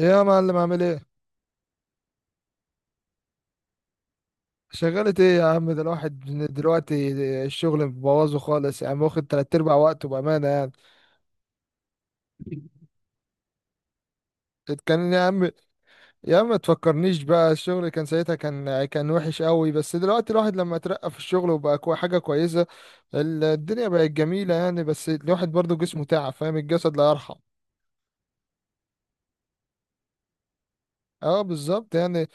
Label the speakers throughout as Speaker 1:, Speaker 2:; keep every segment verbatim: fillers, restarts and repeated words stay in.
Speaker 1: إيه يا معلم عامل ايه؟ شغلة ايه يا عم؟ ده الواحد من دلوقتي الشغل مبوظه خالص يا عم، واخد تلات ارباع وقته بأمانة يعني. كان يا عم، يا عم ما تفكرنيش بقى. الشغل كان ساعتها كان كان وحش قوي، بس دلوقتي الواحد لما اترقى في الشغل وبقى كو- حاجة كويسة. ال- الدنيا بقت جميلة يعني، بس الواحد برضو جسمه تعب، فاهم؟ الجسد لا يرحم. اه بالظبط يعني.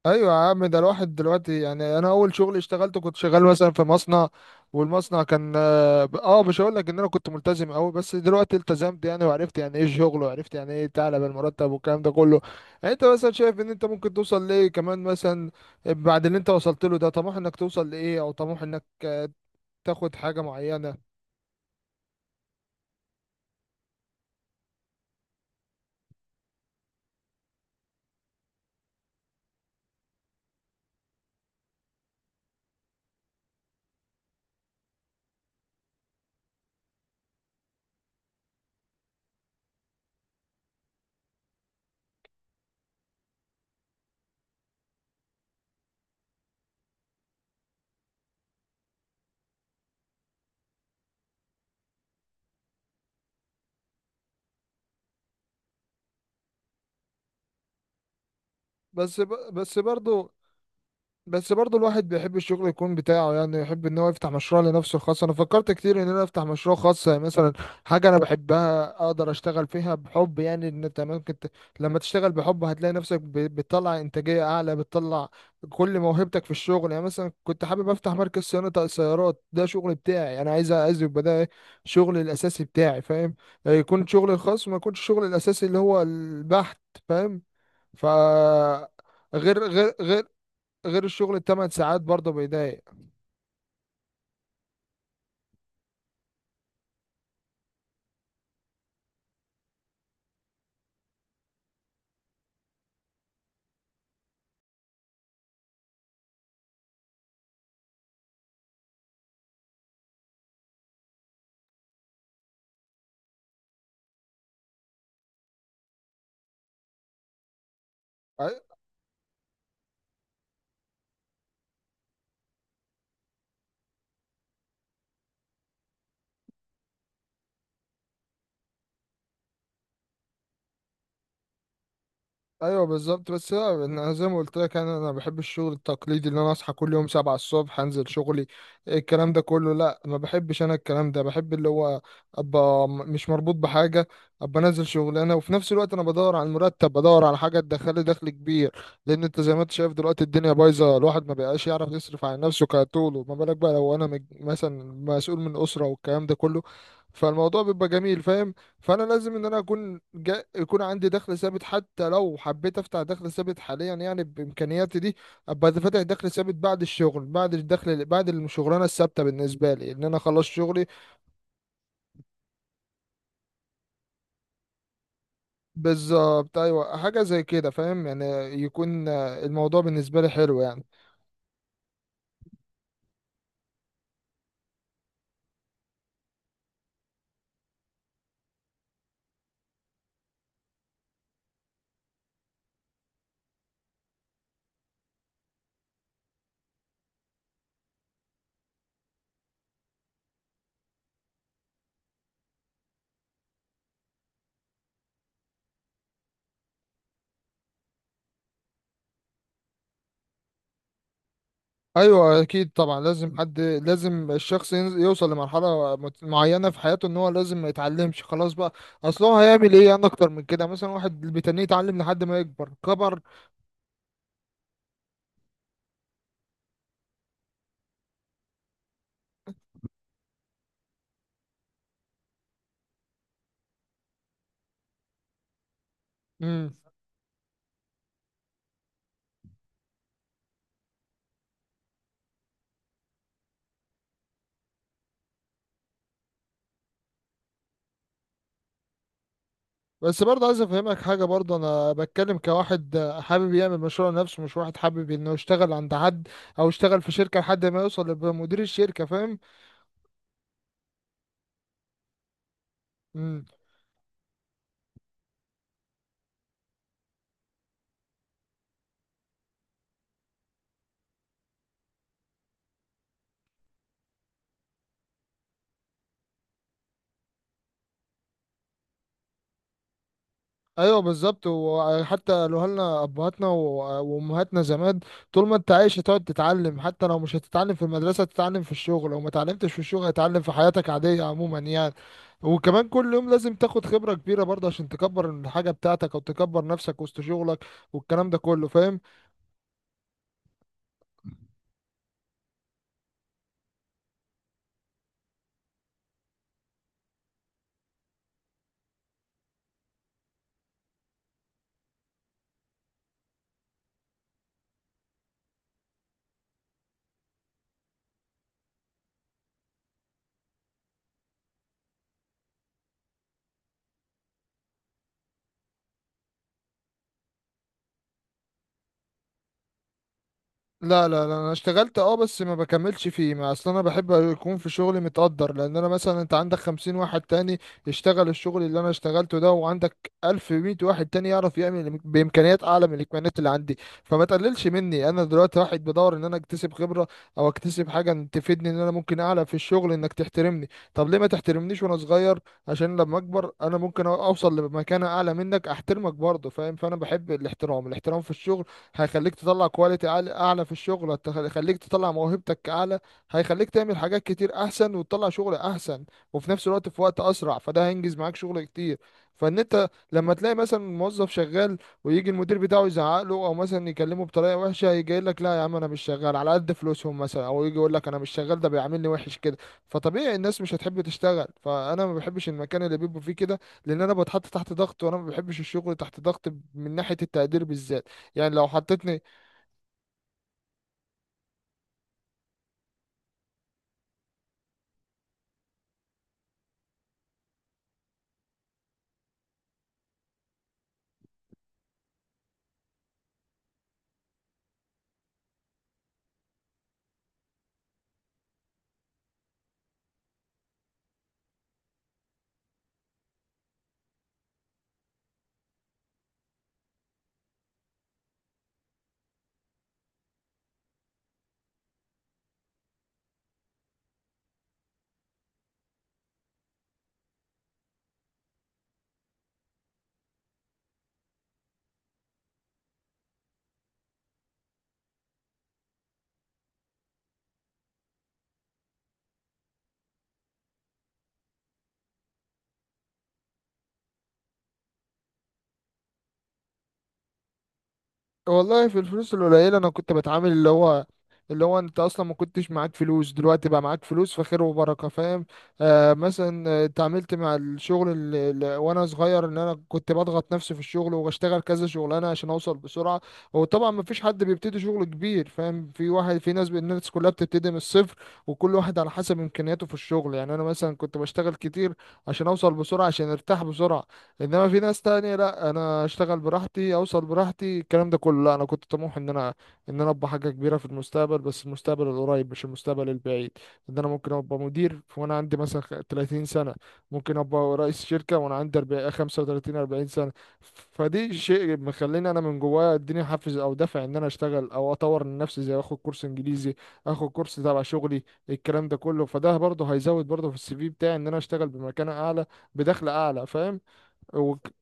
Speaker 1: ايوه يا عم، ده الواحد دلوقتي يعني انا اول شغل اشتغلته كنت شغال مثلا في مصنع، والمصنع كان اه ب- آه، مش هقول لك ان انا كنت ملتزم قوي، بس دلوقتي التزمت يعني وعرفت يعني ايه الشغل، وعرفت يعني ايه تعلى بالمرتب والكلام ده كله. يعني انت مثلا شايف ان انت ممكن توصل لايه كمان مثلا بعد اللي انت وصلت له؟ ده طموح انك توصل لايه، او طموح انك آه، تاخد حاجة معينة. بس ب... بس برضو، بس برضو الواحد بيحب الشغل يكون بتاعه يعني، يحب ان هو يفتح مشروع لنفسه الخاص. انا فكرت كتير ان انا افتح مشروع خاص يعني، مثلا حاجة انا بحبها اقدر اشتغل فيها بحب. يعني ان انت ممكن ت... لما تشتغل بحب هتلاقي نفسك ب... بتطلع انتاجية اعلى، بتطلع كل موهبتك في الشغل. يعني مثلا كنت حابب افتح مركز صيانة سيارات، ده شغل بتاعي انا، عايز عايز يبقى ده شغلي الاساسي بتاعي، فاهم؟ يكون شغلي الخاص، ما يكونش شغلي الاساسي اللي هو البحث، فاهم؟ ف غير غير غير غير الشغل الثمان ساعات برضه بيضايق. أي- ايوه بالظبط. بس لا، انا زي ما قلت لك، انا انا بحب الشغل التقليدي، اللي انا اصحى كل يوم سبعة الصبح انزل شغلي، الكلام ده كله، لا ما بحبش. انا الكلام ده بحب، اللي هو ابقى م- مش مربوط بحاجه، ابقى نازل شغلانه، وفي نفس الوقت انا بدور على المرتب، بدور على حاجه تدخلي دخل كبير، لان انت زي ما انت شايف دلوقتي الدنيا بايظه، الواحد ما بقاش يعرف يصرف على نفسه كطوله، ما بالك بقى لو انا مج- مثلا مسؤول من اسره والكلام ده كله. فالموضوع بيبقى جميل، فاهم؟ فانا لازم ان انا اكون جا... يكون عندي دخل ثابت. حتى لو حبيت افتح دخل ثابت حاليا يعني، بامكانياتي دي ابقى فاتح دخل ثابت بعد الشغل، بعد الدخل، بعد الشغلانه الثابته بالنسبه لي ان انا خلص شغلي. بالظبط، ايوه حاجه زي كده فاهم يعني. يكون آه، الموضوع بالنسبه لي حلو يعني. ايوه اكيد طبعا، لازم حد، لازم الشخص ينز- يوصل لمرحله مت- معينه في حياته ان هو لازم ما يتعلمش خلاص بقى. اصل هو هيعمل ايه يعني اكتر من كده؟ مثلا واحد بيتنيه يتعلم لحد ما يكبر كبر. بس برضه عايز افهمك حاجه برضه، انا بتكلم كواحد حابب يعمل مشروع لنفسه، مش واحد حابب انه يشتغل عند حد، او يشتغل في شركه لحد ما يوصل لبقى مدير الشركه، فاهم؟ امم ايوه بالظبط. وحتى لو لنا ابهاتنا و- وامهاتنا زمان، طول ما انت عايش هتقعد تتعلم. حتى لو مش هتتعلم في المدرسه، تتعلم في الشغل. لو ما اتعلمتش في الشغل، هتتعلم في حياتك عاديه عموما يعني. وكمان كل يوم لازم تاخد خبره كبيره برضه، عشان تكبر الحاجه بتاعتك او تكبر نفسك وسط شغلك والكلام ده كله، فاهم؟ لا لا لا، انا اشتغلت اه، بس ما بكملش فيه. ما اصل انا بحب يكون في شغلي متقدر، لان انا مثلا انت عندك خمسين واحد تاني يشتغل الشغل اللي انا اشتغلته ده، وعندك الف مية واحد تاني يعرف يعمل بامكانيات اعلى من الامكانيات اللي عندي، فما تقللش مني. انا دلوقتي واحد بدور ان انا اكتسب خبرة، او اكتسب حاجة إن تفيدني ان انا ممكن اعلى في الشغل، انك تحترمني. طب ليه ما تحترمنيش وانا صغير؟ عشان لما اكبر انا ممكن اوصل لمكانة اعلى منك، احترمك برضه، فاهم؟ فانا بحب الاحترام. الاحترام في الشغل هيخليك تطلع كواليتي أعلى، أعلى في الشغل، هت- هيخليك تطلع موهبتك أعلى، هيخليك تعمل حاجات كتير أحسن وتطلع شغل أحسن، وفي نفس الوقت في وقت أسرع. فده هينجز معاك شغل كتير. فإن أنت لما تلاقي مثلا موظف شغال، ويجي المدير بتاعه يزعق له، أو مثلا يكلمه بطريقة وحشة، يجي يقول لك لا يا عم أنا مش شغال على قد فلوسهم مثلا، أو يجي يقول لك أنا مش شغال، ده بيعاملني وحش كده. فطبيعي الناس مش هتحب تشتغل. فأنا ما بحبش المكان اللي بيبقوا فيه كده، لأن أنا بتحط تحت ضغط، وأنا ما بحبش الشغل تحت ضغط، من ناحية التقدير بالذات. يعني لو حطيتني، والله في الفلوس القليلة أنا كنت بتعامل اللي هو، اللي هو أنت أصلا ما كنتش معاك فلوس، دلوقتي بقى معاك فلوس فخير وبركة، فاهم؟ آه مثلا آه، اتعاملت مع الشغل اللي اللي- وأنا صغير، إن أنا كنت بضغط نفسي في الشغل، وبشتغل كذا شغلانة عشان أوصل بسرعة. وطبعا ما فيش حد بيبتدي شغل كبير، فاهم؟ في واحد في ناس، الناس كلها بتبتدي من الصفر، وكل واحد على حسب إمكانياته في الشغل. يعني أنا مثلا كنت بشتغل كتير عشان أوصل بسرعة، عشان أرتاح بسرعة. انما في ناس تانية لا، انا اشتغل براحتي، اوصل براحتي، الكلام ده كله لا. انا كنت طموح ان انا ان انا ابقى حاجه كبيره في المستقبل، بس المستقبل القريب مش المستقبل البعيد. ان انا ممكن ابقى مدير وانا عندي مثلا خ- تلاتين سنه، ممكن ابقى رئيس شركه وانا عندي أربعين خمسة وتلاتين أربعين سنه. فدي شيء مخليني انا من جوايا، اديني حافز او دافع ان انا اشتغل، او اطور من نفسي زي اخد كورس انجليزي، اخد كورس تبع شغلي، الكلام ده كله. فده برضه هيزود برضه في السي في بتاعي ان انا اشتغل بمكانه اعلى، بدخل اعلى، فاهم؟ وك-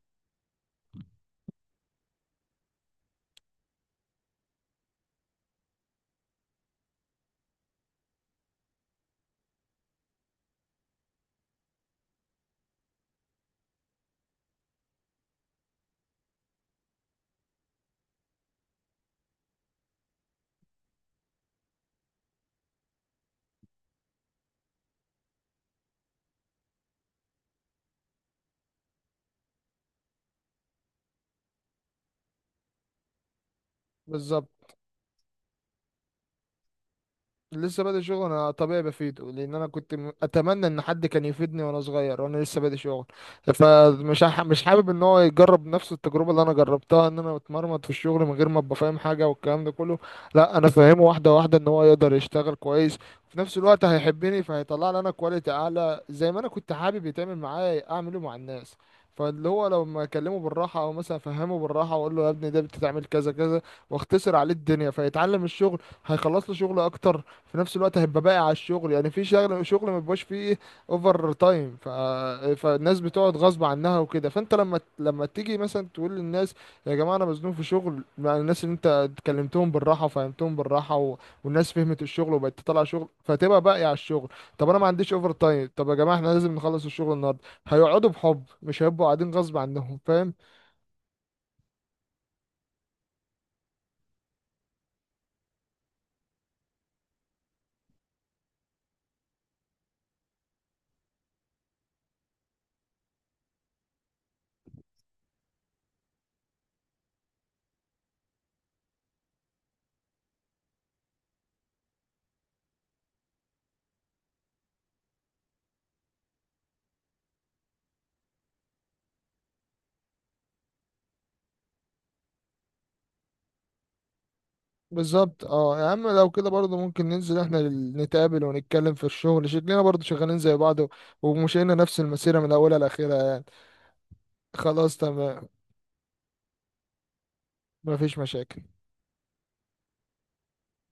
Speaker 1: بالظبط. لسه بادئ شغل انا طبيعي بفيده، لان انا كنت م- اتمنى ان حد كان يفيدني وانا صغير وانا لسه بادئ شغل. فمش ح- مش حابب ان هو يجرب نفس التجربه اللي انا جربتها، ان انا اتمرمط في الشغل من غير ما ابقى فاهم حاجه والكلام ده كله. لا انا فاهمه واحده واحده ان هو يقدر يشتغل كويس، وفي نفس الوقت هيحبني، فهيطلع لي انا كواليتي اعلى. زي ما انا كنت حابب يتعمل معايا اعمله مع الناس. فاللي هو لما اكلمه بالراحه، او مثلا افهمه بالراحه واقول له يا ابني ده بتتعمل كذا كذا، واختصر عليه الدنيا، فيتعلم الشغل، هيخلص له شغل اكتر، في نفس الوقت هيبقى باقي على الشغل. يعني في شغل شغل ما بيبقاش فيه اوفر تايم، ف... فالناس بتقعد غصب عنها وكده. فانت لما لما تيجي مثلا تقول للناس يا جماعه انا مزنوق في شغل، مع الناس اللي انت اتكلمتهم بالراحه وفهمتهم بالراحه و... والناس فهمت الشغل وبقت تطلع شغل، فتبقى باقي على الشغل. طب انا ما عنديش اوفر تايم، طب يا جماعه احنا لازم نخلص الشغل النهارده، هيقعدوا بحب، مش هيبقوا قاعدين غصب عنهم، فاهم؟ بالظبط. اه يا عم لو كده برضه ممكن ننزل احنا ال- نتقابل ونتكلم في الشغل، شكلنا برضه شغالين زي بعض و- ومشينا نفس المسيرة من اولها لاخرها يعني. خلاص تمام، مفيش مشاكل.